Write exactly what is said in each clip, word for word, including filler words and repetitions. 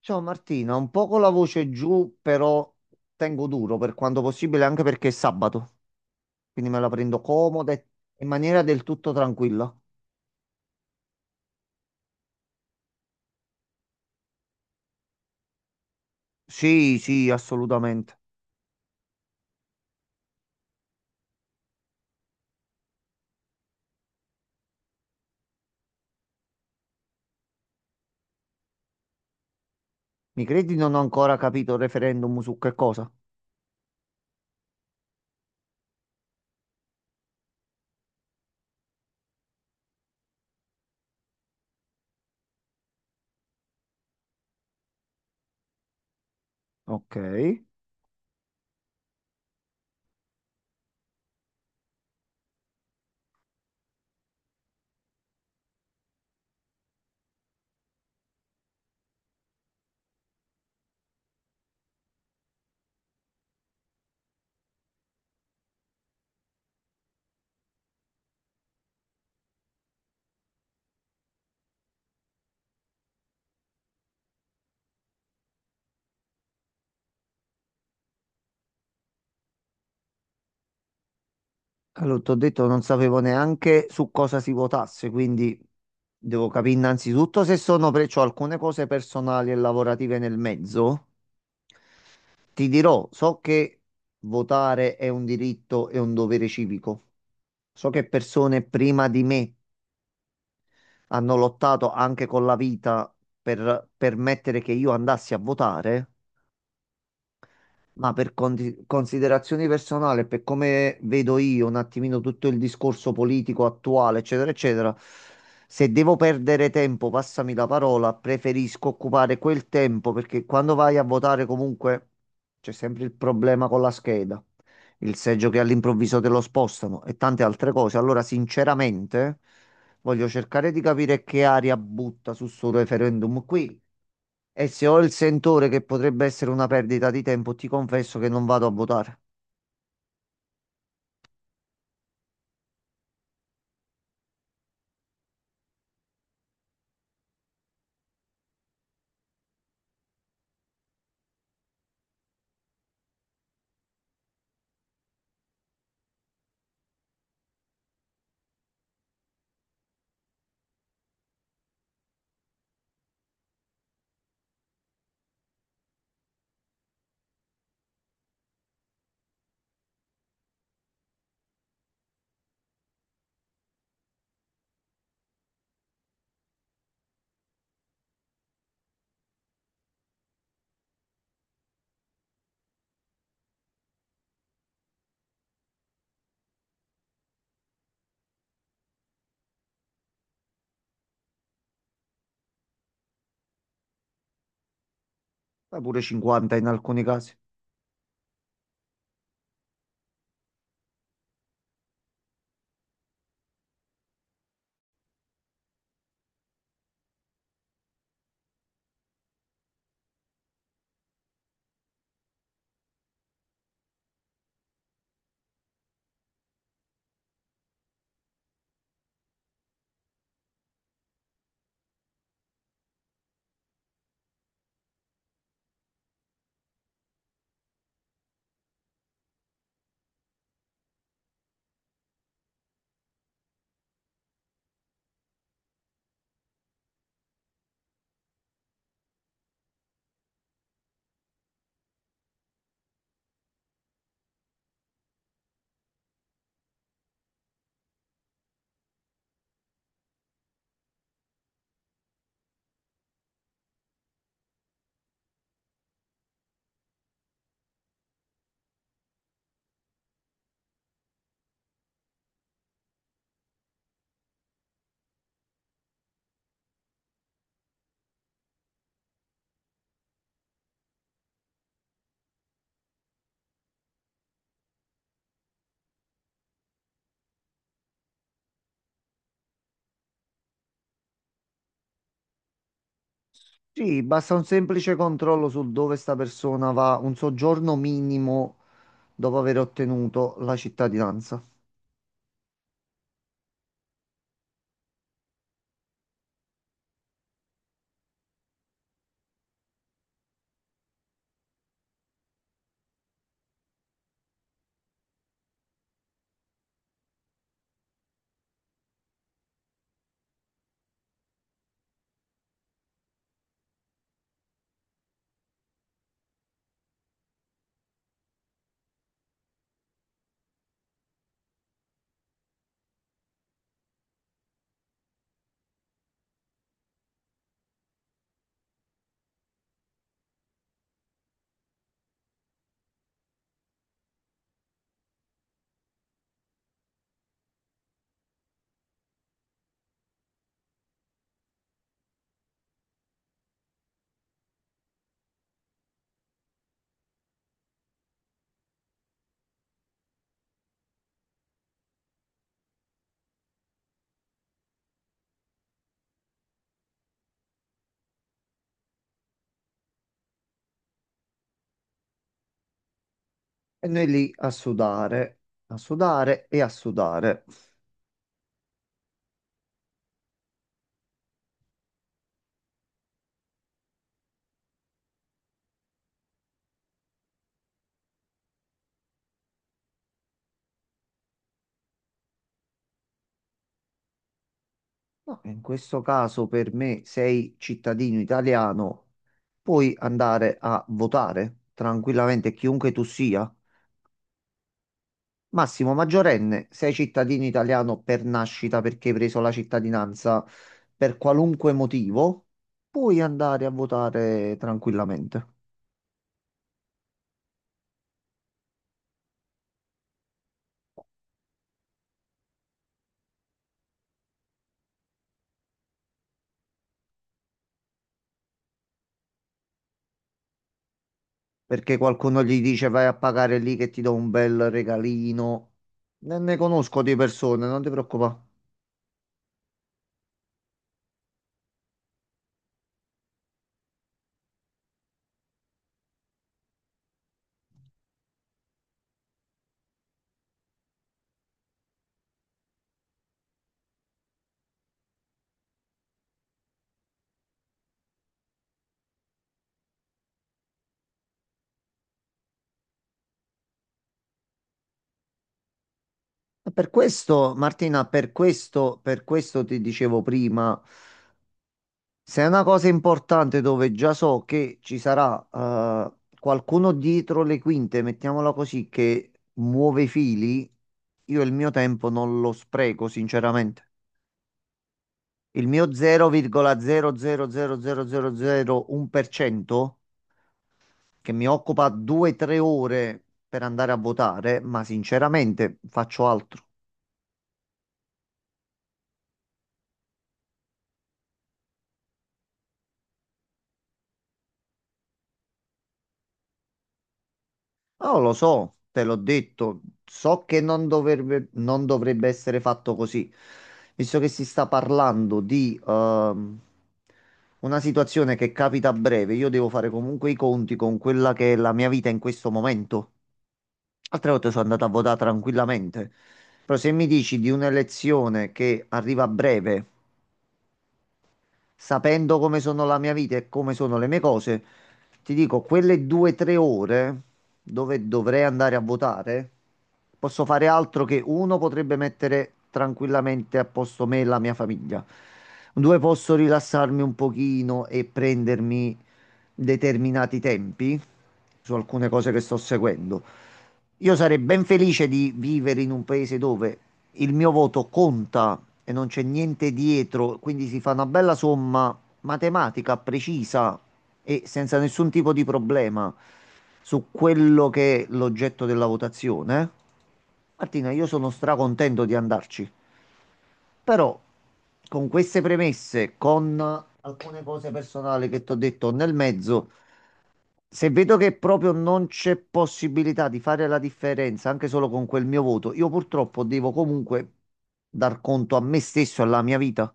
Ciao Martina, un po' con la voce giù, però tengo duro per quanto possibile, anche perché è sabato, quindi me la prendo comoda e in maniera del tutto tranquilla. Sì, sì, assolutamente. Mi credi, non ho ancora capito il referendum su che cosa? Ok. Allora, ti ho detto, non sapevo neanche su cosa si votasse, quindi devo capire innanzitutto se sono pre... c'ho alcune cose personali e lavorative nel mezzo. Ti dirò, so che votare è un diritto e un dovere civico. So che persone prima di me hanno lottato anche con la vita per permettere che io andassi a votare. Ma per conti- considerazioni personali, per come vedo io un attimino tutto il discorso politico attuale, eccetera, eccetera, se devo perdere tempo, passami la parola, preferisco occupare quel tempo, perché quando vai a votare comunque c'è sempre il problema con la scheda, il seggio che all'improvviso te lo spostano e tante altre cose. Allora, sinceramente, voglio cercare di capire che aria butta su sto referendum qui. E se ho il sentore che potrebbe essere una perdita di tempo, ti confesso che non vado a votare. Ma pure cinquanta in alcuni casi. Sì, basta un semplice controllo sul dove sta persona va, un soggiorno minimo dopo aver ottenuto la cittadinanza. E noi lì a sudare, a sudare e a sudare. No, in questo caso per me sei cittadino italiano, puoi andare a votare tranquillamente chiunque tu sia. Massimo, maggiorenne, sei cittadino italiano per nascita, perché hai preso la cittadinanza per qualunque motivo, puoi andare a votare tranquillamente. Perché qualcuno gli dice vai a pagare lì che ti do un bel regalino. Ne, ne conosco di persone, non ti preoccupare. E per questo, Martina, per questo, per questo ti dicevo prima. Se è una cosa importante dove già so che ci sarà eh, qualcuno dietro le quinte, mettiamola così, che muove i fili, io il mio tempo non lo spreco, sinceramente. Il mio zero virgola zero zero zero zero zero zero uno per cento che mi occupa due tre ore per andare a votare, ma sinceramente faccio altro. No, lo so, te l'ho detto, so che non dovrebbe, non dovrebbe essere fatto così, visto che si sta parlando di ehm, una situazione che capita a breve, io devo fare comunque i conti con quella che è la mia vita in questo momento. Altre volte sono andato a votare tranquillamente, però se mi dici di un'elezione che arriva a breve, sapendo come sono la mia vita e come sono le mie cose, ti dico, quelle due o tre ore dove dovrei andare a votare, posso fare altro, che uno, potrebbe mettere tranquillamente a posto me e la mia famiglia. Due, posso rilassarmi un pochino e prendermi determinati tempi su alcune cose che sto seguendo. Io sarei ben felice di vivere in un paese dove il mio voto conta e non c'è niente dietro, quindi si fa una bella somma matematica precisa e senza nessun tipo di problema su quello che è l'oggetto della votazione. Martina, io sono stracontento di andarci, però con queste premesse, con alcune cose personali che ti ho detto nel mezzo, se vedo che proprio non c'è possibilità di fare la differenza anche solo con quel mio voto, io purtroppo devo comunque dar conto a me stesso e alla mia vita.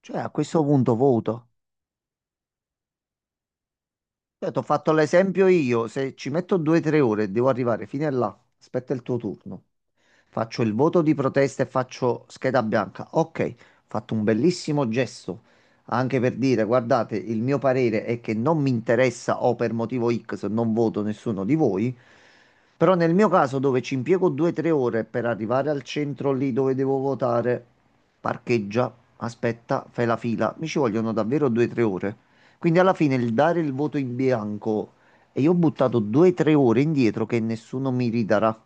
Cioè, a questo punto voto. Cioè, ti ho fatto l'esempio io, se ci metto due o tre ore e devo arrivare fino a là, aspetta il tuo turno. Faccio il voto di protesta e faccio scheda bianca. Ok, ho fatto un bellissimo gesto anche per dire, guardate, il mio parere è che non mi interessa, o per motivo X non voto nessuno di voi. Però nel mio caso dove ci impiego due tre ore per arrivare al centro lì dove devo votare, parcheggia, aspetta, fai la fila, mi ci vogliono davvero due o tre ore. Quindi alla fine il dare il voto in bianco e io ho buttato due tre ore indietro che nessuno mi ridarà.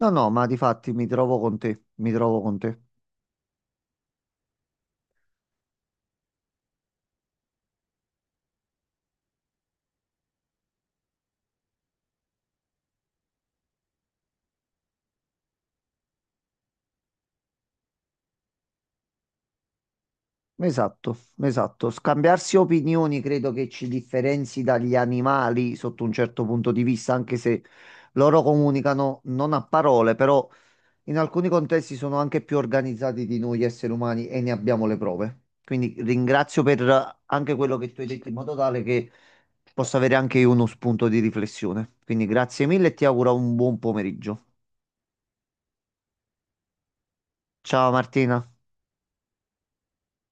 No, no, ma difatti mi trovo con te, mi trovo con te. Esatto, esatto. Scambiarsi opinioni credo che ci differenzi dagli animali sotto un certo punto di vista, anche se loro comunicano non a parole, però in alcuni contesti sono anche più organizzati di noi esseri umani, e ne abbiamo le prove. Quindi ringrazio per anche quello che tu hai detto, in modo tale che possa avere anche io uno spunto di riflessione. Quindi grazie mille e ti auguro un buon pomeriggio. Ciao Martina.